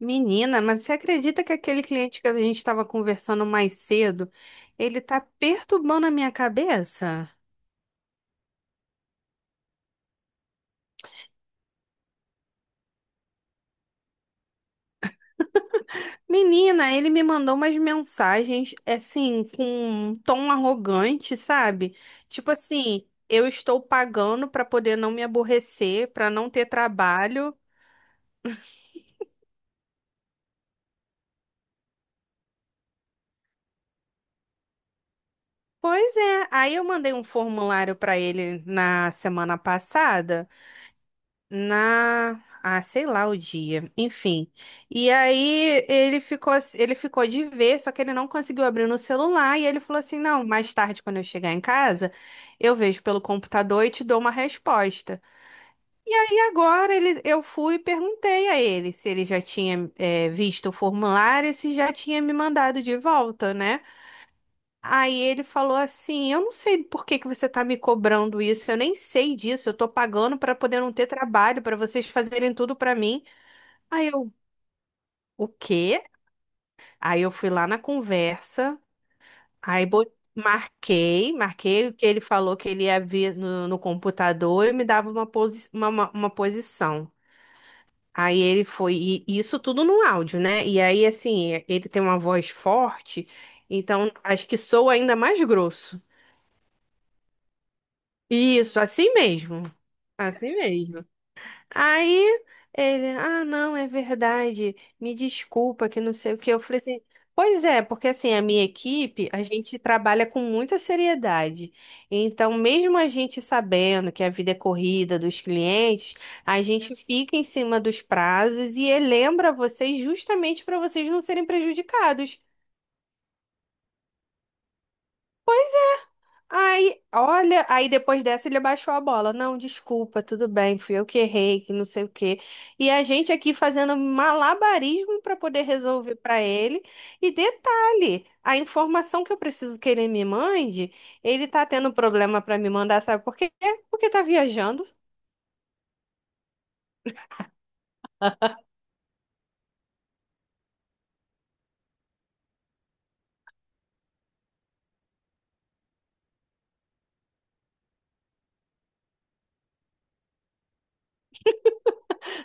Menina, mas você acredita que aquele cliente que a gente estava conversando mais cedo, ele tá perturbando a minha cabeça? Menina, ele me mandou umas mensagens assim com um tom arrogante, sabe? Tipo assim, eu estou pagando para poder não me aborrecer, para não ter trabalho. Pois é, aí eu mandei um formulário para ele na semana passada. Na, sei lá o dia, enfim. E aí ele ficou, ele ficou de ver, só que ele não conseguiu abrir no celular e ele falou assim: "Não, mais tarde quando eu chegar em casa, eu vejo pelo computador e te dou uma resposta". E agora ele, eu fui e perguntei a ele se ele já tinha visto o formulário, e se já tinha me mandado de volta, né? Aí ele falou assim: eu não sei por que que você tá me cobrando isso, eu nem sei disso, eu tô pagando pra poder não ter trabalho, pra vocês fazerem tudo pra mim. Aí eu, o quê? Aí eu fui lá na conversa, aí bo- marquei, marquei o que ele falou que ele ia vir no computador e me dava uma, posi uma, uma posição. Aí ele foi, e isso tudo no áudio, né? E aí, assim, ele tem uma voz forte, então acho que soa ainda mais grosso. Isso, assim mesmo. Assim mesmo. Aí ele, não, é verdade. Me desculpa que não sei o que. Eu falei assim, pois é, porque assim, a minha equipe, a gente trabalha com muita seriedade. Então, mesmo a gente sabendo que a vida é corrida dos clientes, a gente fica em cima dos prazos e lembra vocês justamente para vocês não serem prejudicados. Aí, olha, aí depois dessa ele baixou a bola. Não, desculpa, tudo bem, fui eu que errei, que não sei o quê. E a gente aqui fazendo malabarismo para poder resolver para ele. E detalhe, a informação que eu preciso que ele me mande, ele tá tendo problema para me mandar, sabe por quê? Porque tá viajando.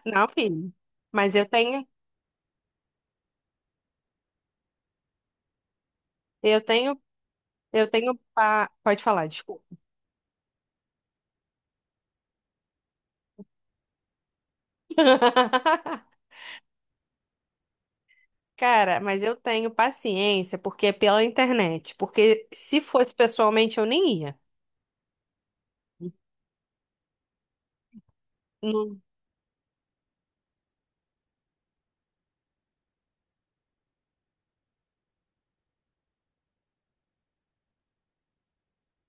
Não, filho. Mas eu tenho, eu tenho, eu tenho pa... Pode falar, desculpa. Cara, mas eu tenho paciência porque é pela internet. Porque se fosse pessoalmente, eu nem ia. Não.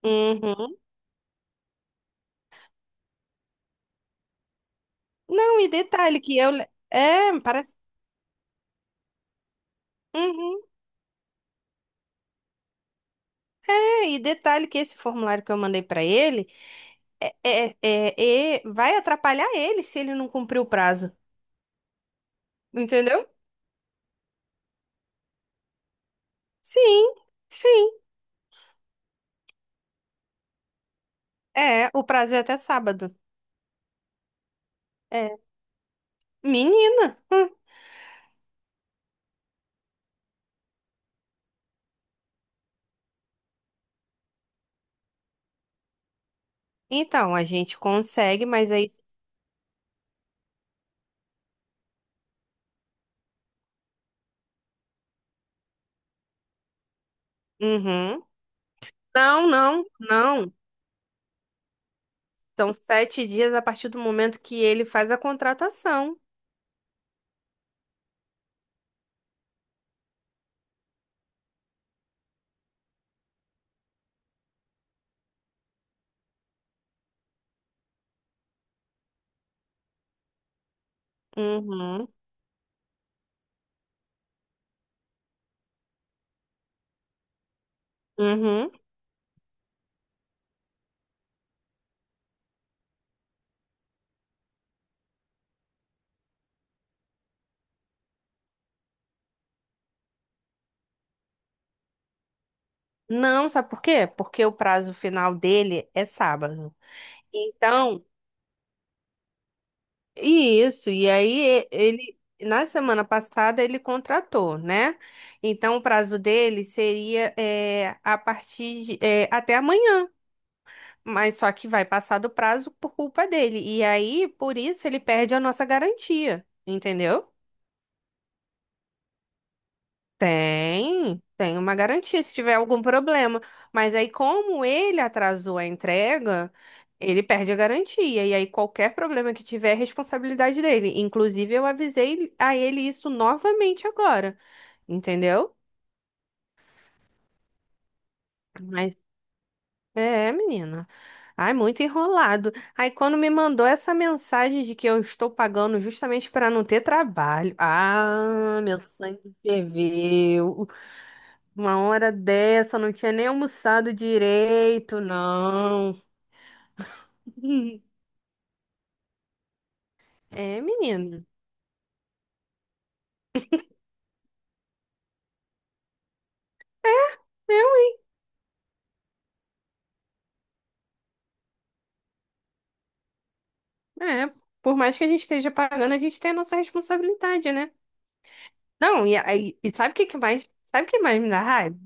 Uhum. Não, e detalhe que eu. É, parece. Uhum. É, e detalhe que esse formulário que eu mandei pra ele vai atrapalhar ele se ele não cumprir o prazo. Entendeu? Sim, sim. É, o prazo é até sábado. É. Menina. Hum. Então, a gente consegue, mas aí. Uhum. Não, não, não. São sete dias a partir do momento que ele faz a contratação. Uhum, uhum. Não, sabe por quê? Porque o prazo final dele é sábado. Então, e isso, ele, na semana passada, ele contratou, né? Então, o prazo dele seria é, a partir de, é, até amanhã, mas só que vai passar do prazo por culpa dele. E aí, por isso, ele perde a nossa garantia, entendeu? Tem, tem uma garantia se tiver algum problema. Mas aí, como ele atrasou a entrega, ele perde a garantia. E aí, qualquer problema que tiver é responsabilidade dele. Inclusive, eu avisei a ele isso novamente agora. Entendeu? Mas é, menina. Ai, muito enrolado. Aí, quando me mandou essa mensagem de que eu estou pagando justamente para não ter trabalho. Ah, meu sangue ferveu. Uma hora dessa, não tinha nem almoçado direito, não. É, menino. É, por mais que a gente esteja pagando, a gente tem a nossa responsabilidade, né? Não, e, e sabe o que que mais, sabe o que mais me dá raiva?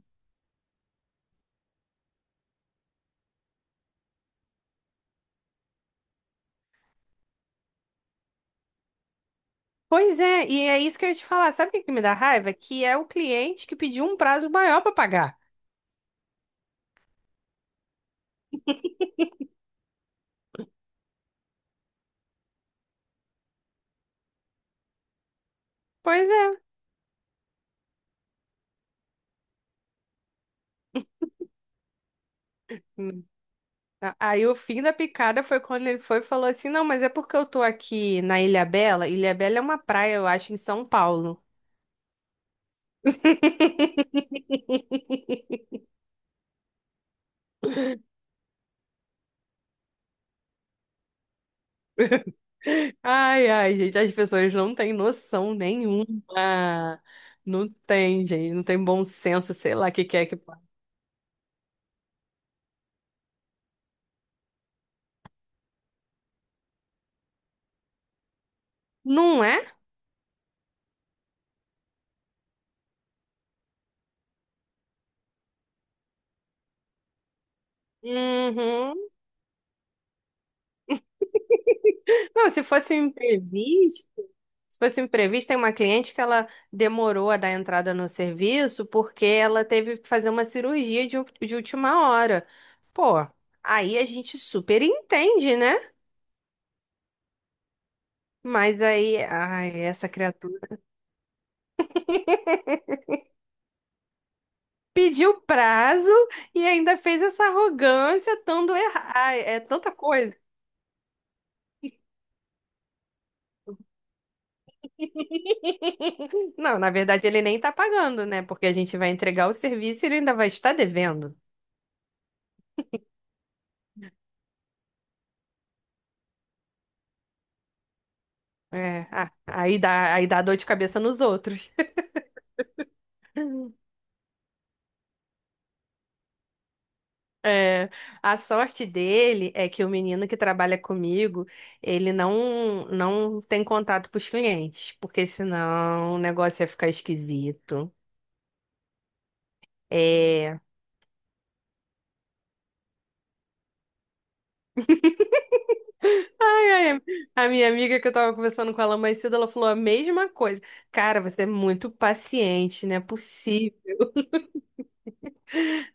Pois é, e é isso que eu ia te falar. Sabe o que que me dá raiva? Que é o cliente que pediu um prazo maior para pagar. Pois é. Hum. Aí o fim da picada foi quando ele foi e falou assim: "Não, mas é porque eu tô aqui na Ilha Bela. Ilha Bela é uma praia, eu acho, em São Paulo." Ai, ai, gente, as pessoas não têm noção nenhuma. Não tem, gente, não tem bom senso, sei lá, o que que é que pode. Não é? Uhum. Não, se fosse um imprevisto, se fosse um imprevisto, tem uma cliente que ela demorou a dar entrada no serviço porque ela teve que fazer uma cirurgia de, de última hora. Pô, aí a gente super entende, né? Mas aí, ai, essa criatura. Pediu prazo e ainda fez essa arrogância, tanto errar, ai, é tanta coisa. Não, na verdade ele nem tá pagando, né? Porque a gente vai entregar o serviço e ele ainda vai estar devendo. É, ah, aí dá dor de cabeça nos outros. É, a sorte dele é que o menino que trabalha comigo, ele não tem contato com os clientes, porque senão o negócio ia ficar esquisito. É, ai, a minha amiga que eu tava conversando com ela mais cedo, ela falou a mesma coisa. Cara, você é muito paciente, não é possível.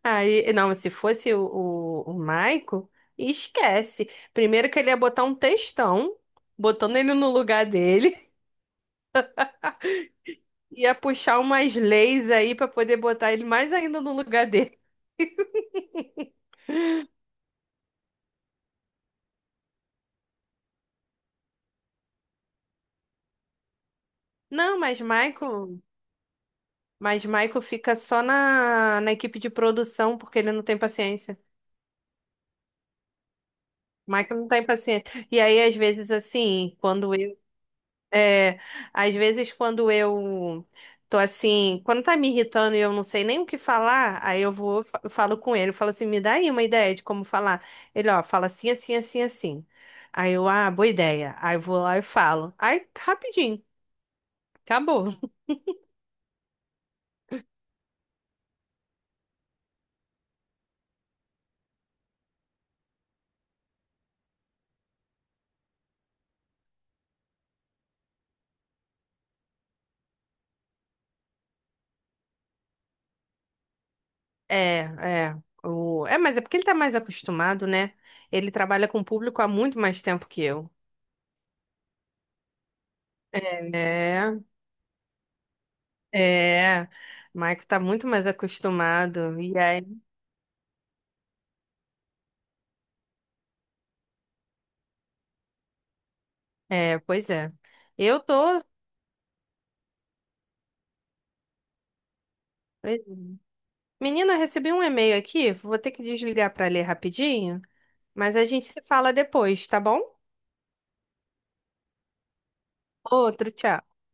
Aí, não, se fosse o Maico, esquece. Primeiro que ele ia botar um textão, botando ele no lugar dele, ia puxar umas leis aí pra poder botar ele mais ainda no lugar dele. Não, mas Maico fica só na, na equipe de produção porque ele não tem paciência. Maico não tem paciência. E aí, às vezes, assim, quando é, às vezes quando eu tô assim, quando tá me irritando e eu não sei nem o que falar, aí eu falo com ele, eu falo assim, me dá aí uma ideia de como falar. Ele, ó, fala assim, assim, assim, assim. Aí eu, ah, boa ideia. Aí eu vou lá e falo. Aí, rapidinho, acabou. É, é. O... É, mas é porque ele tá mais acostumado, né? Ele trabalha com o público há muito mais tempo que eu. É, é. Maico tá muito mais acostumado. E aí. É, pois é. Eu tô. Pois é. Menina, eu recebi um e-mail aqui. Vou ter que desligar para ler rapidinho, mas a gente se fala depois, tá bom? Outro, tchau.